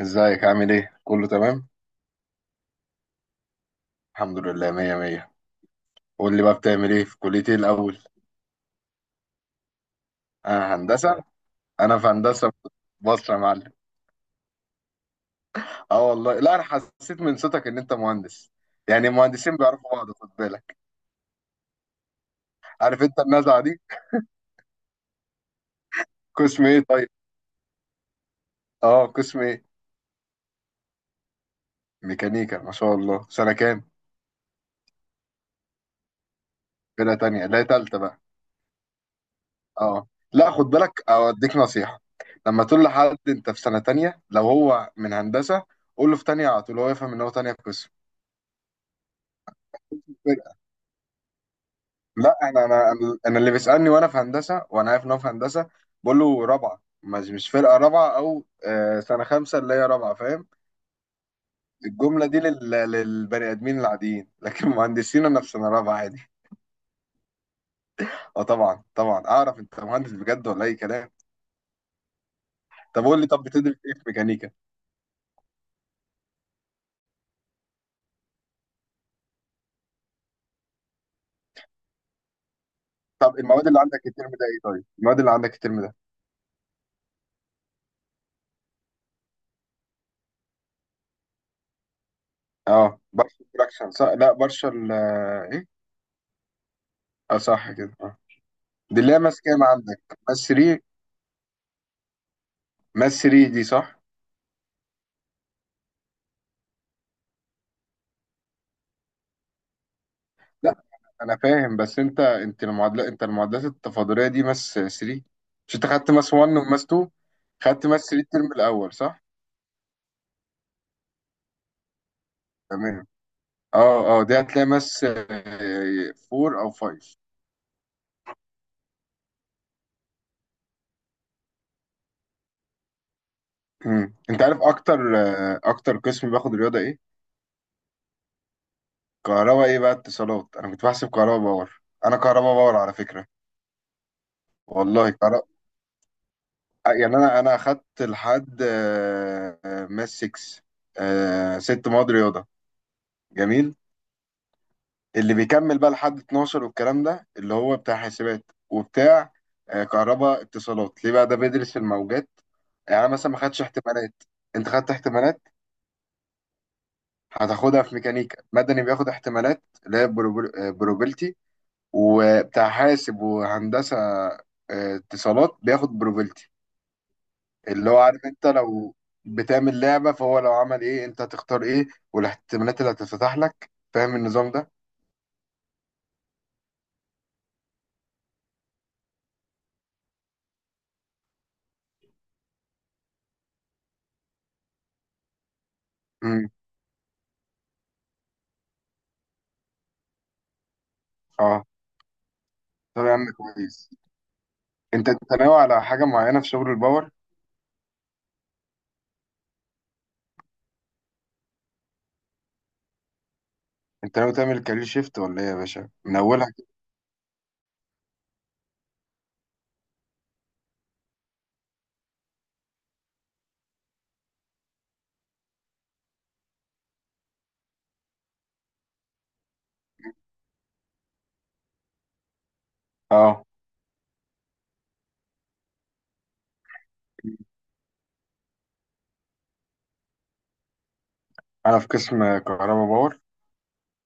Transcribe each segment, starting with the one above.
ازيك عامل ايه؟ كله تمام؟ الحمد لله مية مية. قول لي بقى بتعمل ايه في كلية ايه الأول؟ أنا هندسة؟ أنا في هندسة مصر يا معلم. اه والله لا، أنا حسيت من صوتك إن أنت مهندس. يعني المهندسين بيعرفوا بعض، خد بالك. عارف أنت النزعة دي؟ قسم ايه طيب؟ اه، قسم ايه؟ ميكانيكا ما شاء الله، سنة كام؟ فرقة تانية لا تالتة بقى. اه. لا خد بالك أوديك نصيحة. لما تقول لحد أنت في سنة تانية لو هو من هندسة، قول له في تانية على طول هو يفهم إن هو تانية قسم. لا انا اللي بيسالني وانا في هندسه وانا عارف ان هو في هندسه، بقول له رابعه مش فرقه رابعه او سنه خمسه اللي هي رابعه فاهم. الجمله دي للبني ادمين العاديين لكن مهندسين انا في سنه رابعه عادي. اه طبعا طبعا، اعرف انت مهندس بجد ولا اي كلام. طب قول لي، طب بتدرس ايه في ميكانيكا؟ طب المواد اللي عندك الترم ده ايه طيب المواد اللي عندك الترم ده؟ اه بارشل براكشن صح؟ لا بارشل ايه. اه صح كده اه. دي اللي هي ماس كام، عندك ماس 3؟ ماس 3 دي صح؟ انا فاهم، بس انت انت المعادلات انت المعادلات التفاضليه دي ماس 3. مش انت خدت ماس 1 وماس 2، خدت ماس 3 الترم الاول صح؟ تمام. اه اه، دي هتلاقي ماس 4 او 5. انت عارف اكتر اكتر قسم باخد رياضه ايه؟ كهرباء ايه بقى، اتصالات؟ انا كنت بحسب كهرباء باور، انا كهرباء باور على فكره. والله كهرباء. يعني انا اخدت لحد ماس 6. ست مواد رياضه. جميل. اللي بيكمل بقى لحد 12 والكلام ده اللي هو بتاع حاسبات وبتاع كهرباء اتصالات، ليه بقى ده بيدرس الموجات. يعني أنا مثلا ما خدتش احتمالات، انت خدت احتمالات. هتاخدها في ميكانيكا. مدني بياخد احتمالات اللي هي بروبلتي. وبتاع حاسب وهندسة اتصالات بياخد بروبلتي. اللي هو عارف، انت لو بتعمل لعبة فهو لو عمل ايه انت هتختار ايه، والاحتمالات اللي هتتفتح لك، فاهم النظام ده؟ امم. اه طب يا عم كويس. انت ناوي على حاجه معينه في شغل الباور؟ انت ناوي تعمل كارير شيفت ولا ايه يا باشا من اولها كده؟ اه، انا في قسم كهرباء باور.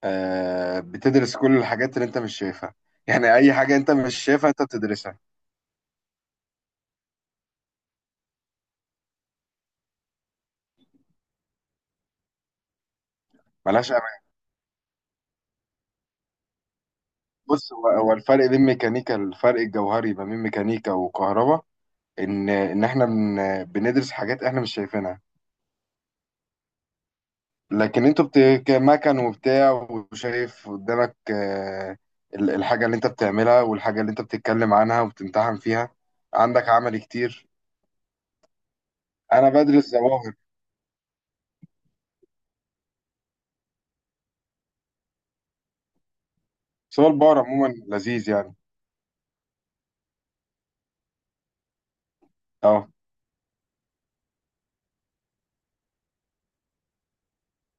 آه بتدرس كل الحاجات اللي انت مش شايفها. يعني اي حاجه انت مش شايفها انت بتدرسها. ملهاش امان. بص، هو الفرق بين ميكانيكا، الفرق الجوهري ما بين ميكانيكا وكهرباء، ان احنا بندرس حاجات احنا مش شايفينها. لكن انتوا مكن وبتاع، وشايف قدامك الحاجة اللي انت بتعملها والحاجة اللي انت بتتكلم عنها وبتمتحن فيها. عندك عمل كتير. انا بدرس ظواهر. بس هو البار عموما لذيذ يعني. اه.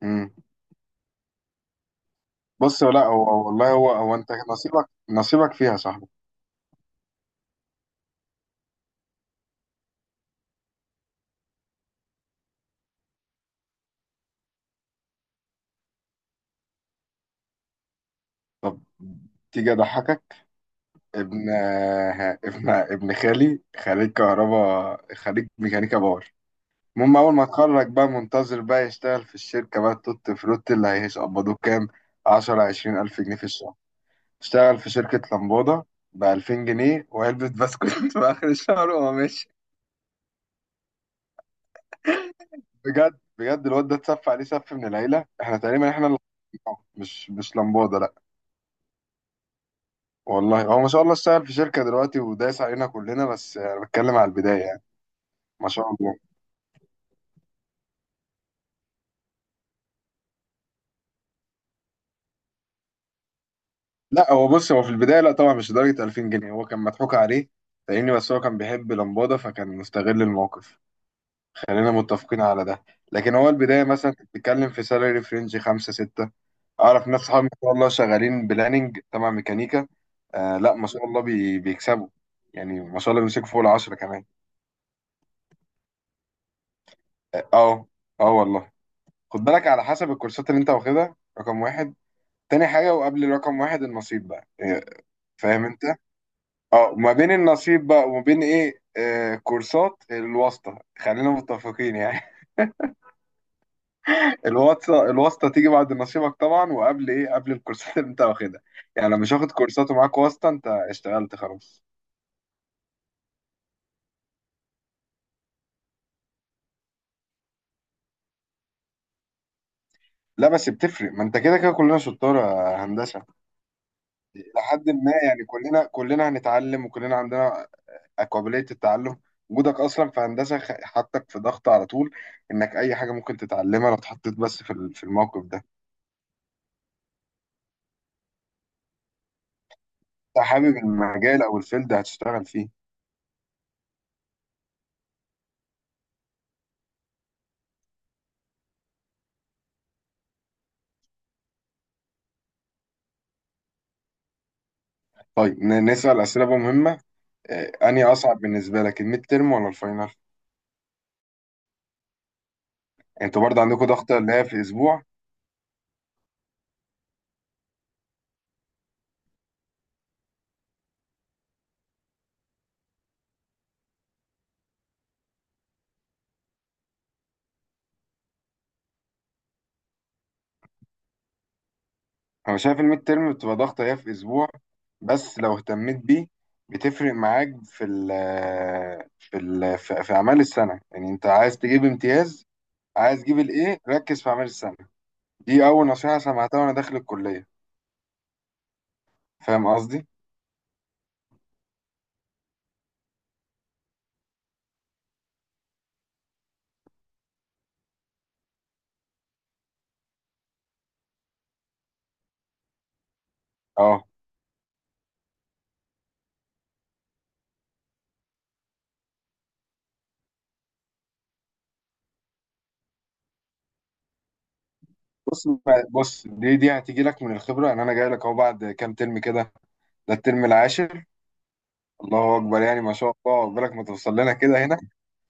امم. بص، لا والله هو انت نصيبك نصيبك فيها يا صاحبي. طب تيجي اضحكك. ابن آه، ابن ابن خالي خريج كهرباء، خريج ميكانيكا باور. المهم أول ما اتخرج بقى منتظر بقى يشتغل في الشركة بقى، التوت فروت، اللي هيقبضوه كام؟ عشرة عشرين ألف جنيه في الشهر. اشتغل في شركة لمبودة بألفين جنيه وعلبة بسكوت في آخر الشهر وهو ماشي. بجد بجد، الواد ده اتسف عليه سف من العيلة، احنا تقريبا اللي. اه، مش لمبودة لأ. والله هو ما شاء الله اشتغل في شركة دلوقتي ودايس علينا كلنا، بس أنا بتكلم على البداية يعني. ما شاء الله. لا هو بص، هو في البداية لا طبعا مش لدرجة 2000 جنيه، هو كان مضحوك عليه. فاهمني، بس هو كان بيحب لمبادة فكان مستغل الموقف. خلينا متفقين على ده. لكن هو البداية مثلا كنت بتتكلم في سالري فرنج خمسة ستة. أعرف ناس صحابي ما شاء الله شغالين بلاننج تبع ميكانيكا. آه لا ما شاء الله بيكسبوا. يعني ما شاء الله بيمسكوا فوق العشرة كمان. اه اه، آه والله. خد بالك على حسب الكورسات اللي انت واخدها، رقم واحد. تاني حاجة وقبل رقم واحد، النصيب بقى فاهم انت. اه، ما بين النصيب بقى وما بين ايه، آه كورسات الواسطة، خلينا متفقين يعني. الواسطة، تيجي بعد نصيبك طبعا، وقبل ايه، قبل الكورسات اللي انت واخدها. يعني لو مش واخد كورسات ومعاك واسطة انت اشتغلت خلاص. لا بس بتفرق، ما انت كده كده كلنا شطار يا هندسة. لحد ما يعني كلنا هنتعلم وكلنا عندنا قابلية التعلم. وجودك اصلا في هندسة حطك في ضغط على طول، انك اي حاجة ممكن تتعلمها لو اتحطيت بس في الموقف ده. انت حابب المجال او الفيلد هتشتغل فيه. طيب نسأل أسئلة بقى مهمة. أنهي أصعب بالنسبة لك، الميد ترم ولا الفاينل؟ أنتوا برضه عندكم ضغطة اللي هي في أسبوع. أنا شايف الميد ترم بتبقى ضغطة هي في أسبوع، بس لو اهتميت بيه بتفرق معاك في ال في ال في في أعمال السنة. يعني أنت عايز تجيب امتياز، عايز تجيب الإيه، ركز في أعمال السنة. دي أول نصيحة سمعتها وأنا داخل الكلية. فاهم قصدي؟ أه. بص بص دي هتيجي لك من الخبرة. يعني أنا جاي لك أهو بعد كام ترم كده، ده الترم العاشر. الله اكبر، يعني ما شاء الله عقبالك ما توصل لنا كده هنا.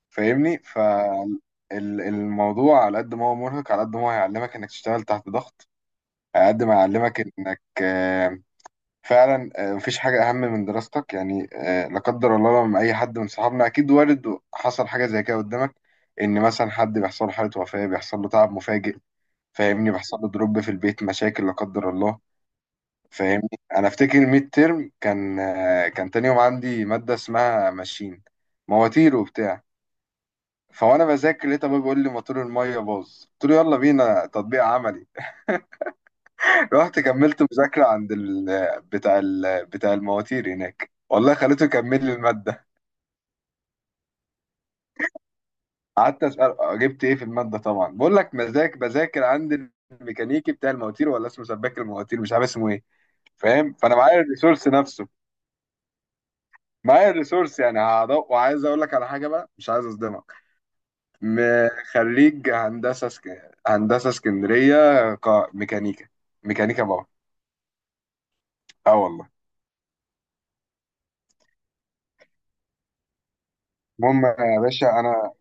فاهمني، فالموضوع على قد ما هو مرهق على قد ما هو هيعلمك انك تشتغل تحت ضغط، على قد ما هيعلمك انك فعلا مفيش حاجه اهم من دراستك يعني. لا قدر الله، لما اي حد من صحابنا اكيد وارد حصل حاجه زي كده قدامك، ان مثلا حد بيحصل له حاله وفاه، بيحصل له تعب مفاجئ. فاهمني، بيحصل له دروب في البيت، مشاكل، لا قدر الله. فاهمني. انا افتكر الميد ترم كان تاني يوم عندي ماده اسمها ماشين، مواتير وبتاع. فوانا بذاكر لقيت ابويا بيقول لي موتور الميه باظ، قلت له يلا بينا تطبيق عملي. رحت كملت مذاكره عند بتاع المواتير هناك، والله خليته يكمل لي الماده. قعدت اسال جبت ايه في الماده طبعا، بقول لك بذاكر عند الميكانيكي بتاع المواتير، ولا اسمه سباك المواتير، مش عارف اسمه ايه. فاهم، فانا معايا الريسورس نفسه. معايا الريسورس، يعني هدق. وعايز اقول لك على حاجه بقى، مش عايز اصدمك. خريج هندسه اسكندريه، ق... ميكانيكا ميكانيكا باور. اه والله. المهم يا باشا انا،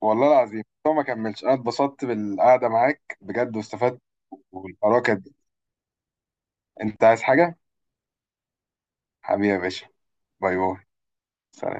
والله العظيم هو ما كملش. انا اتبسطت بالقعده معاك بجد واستفدت والحركه دي. انت عايز حاجه؟ حبيبي يا باشا. باي باي. سلام.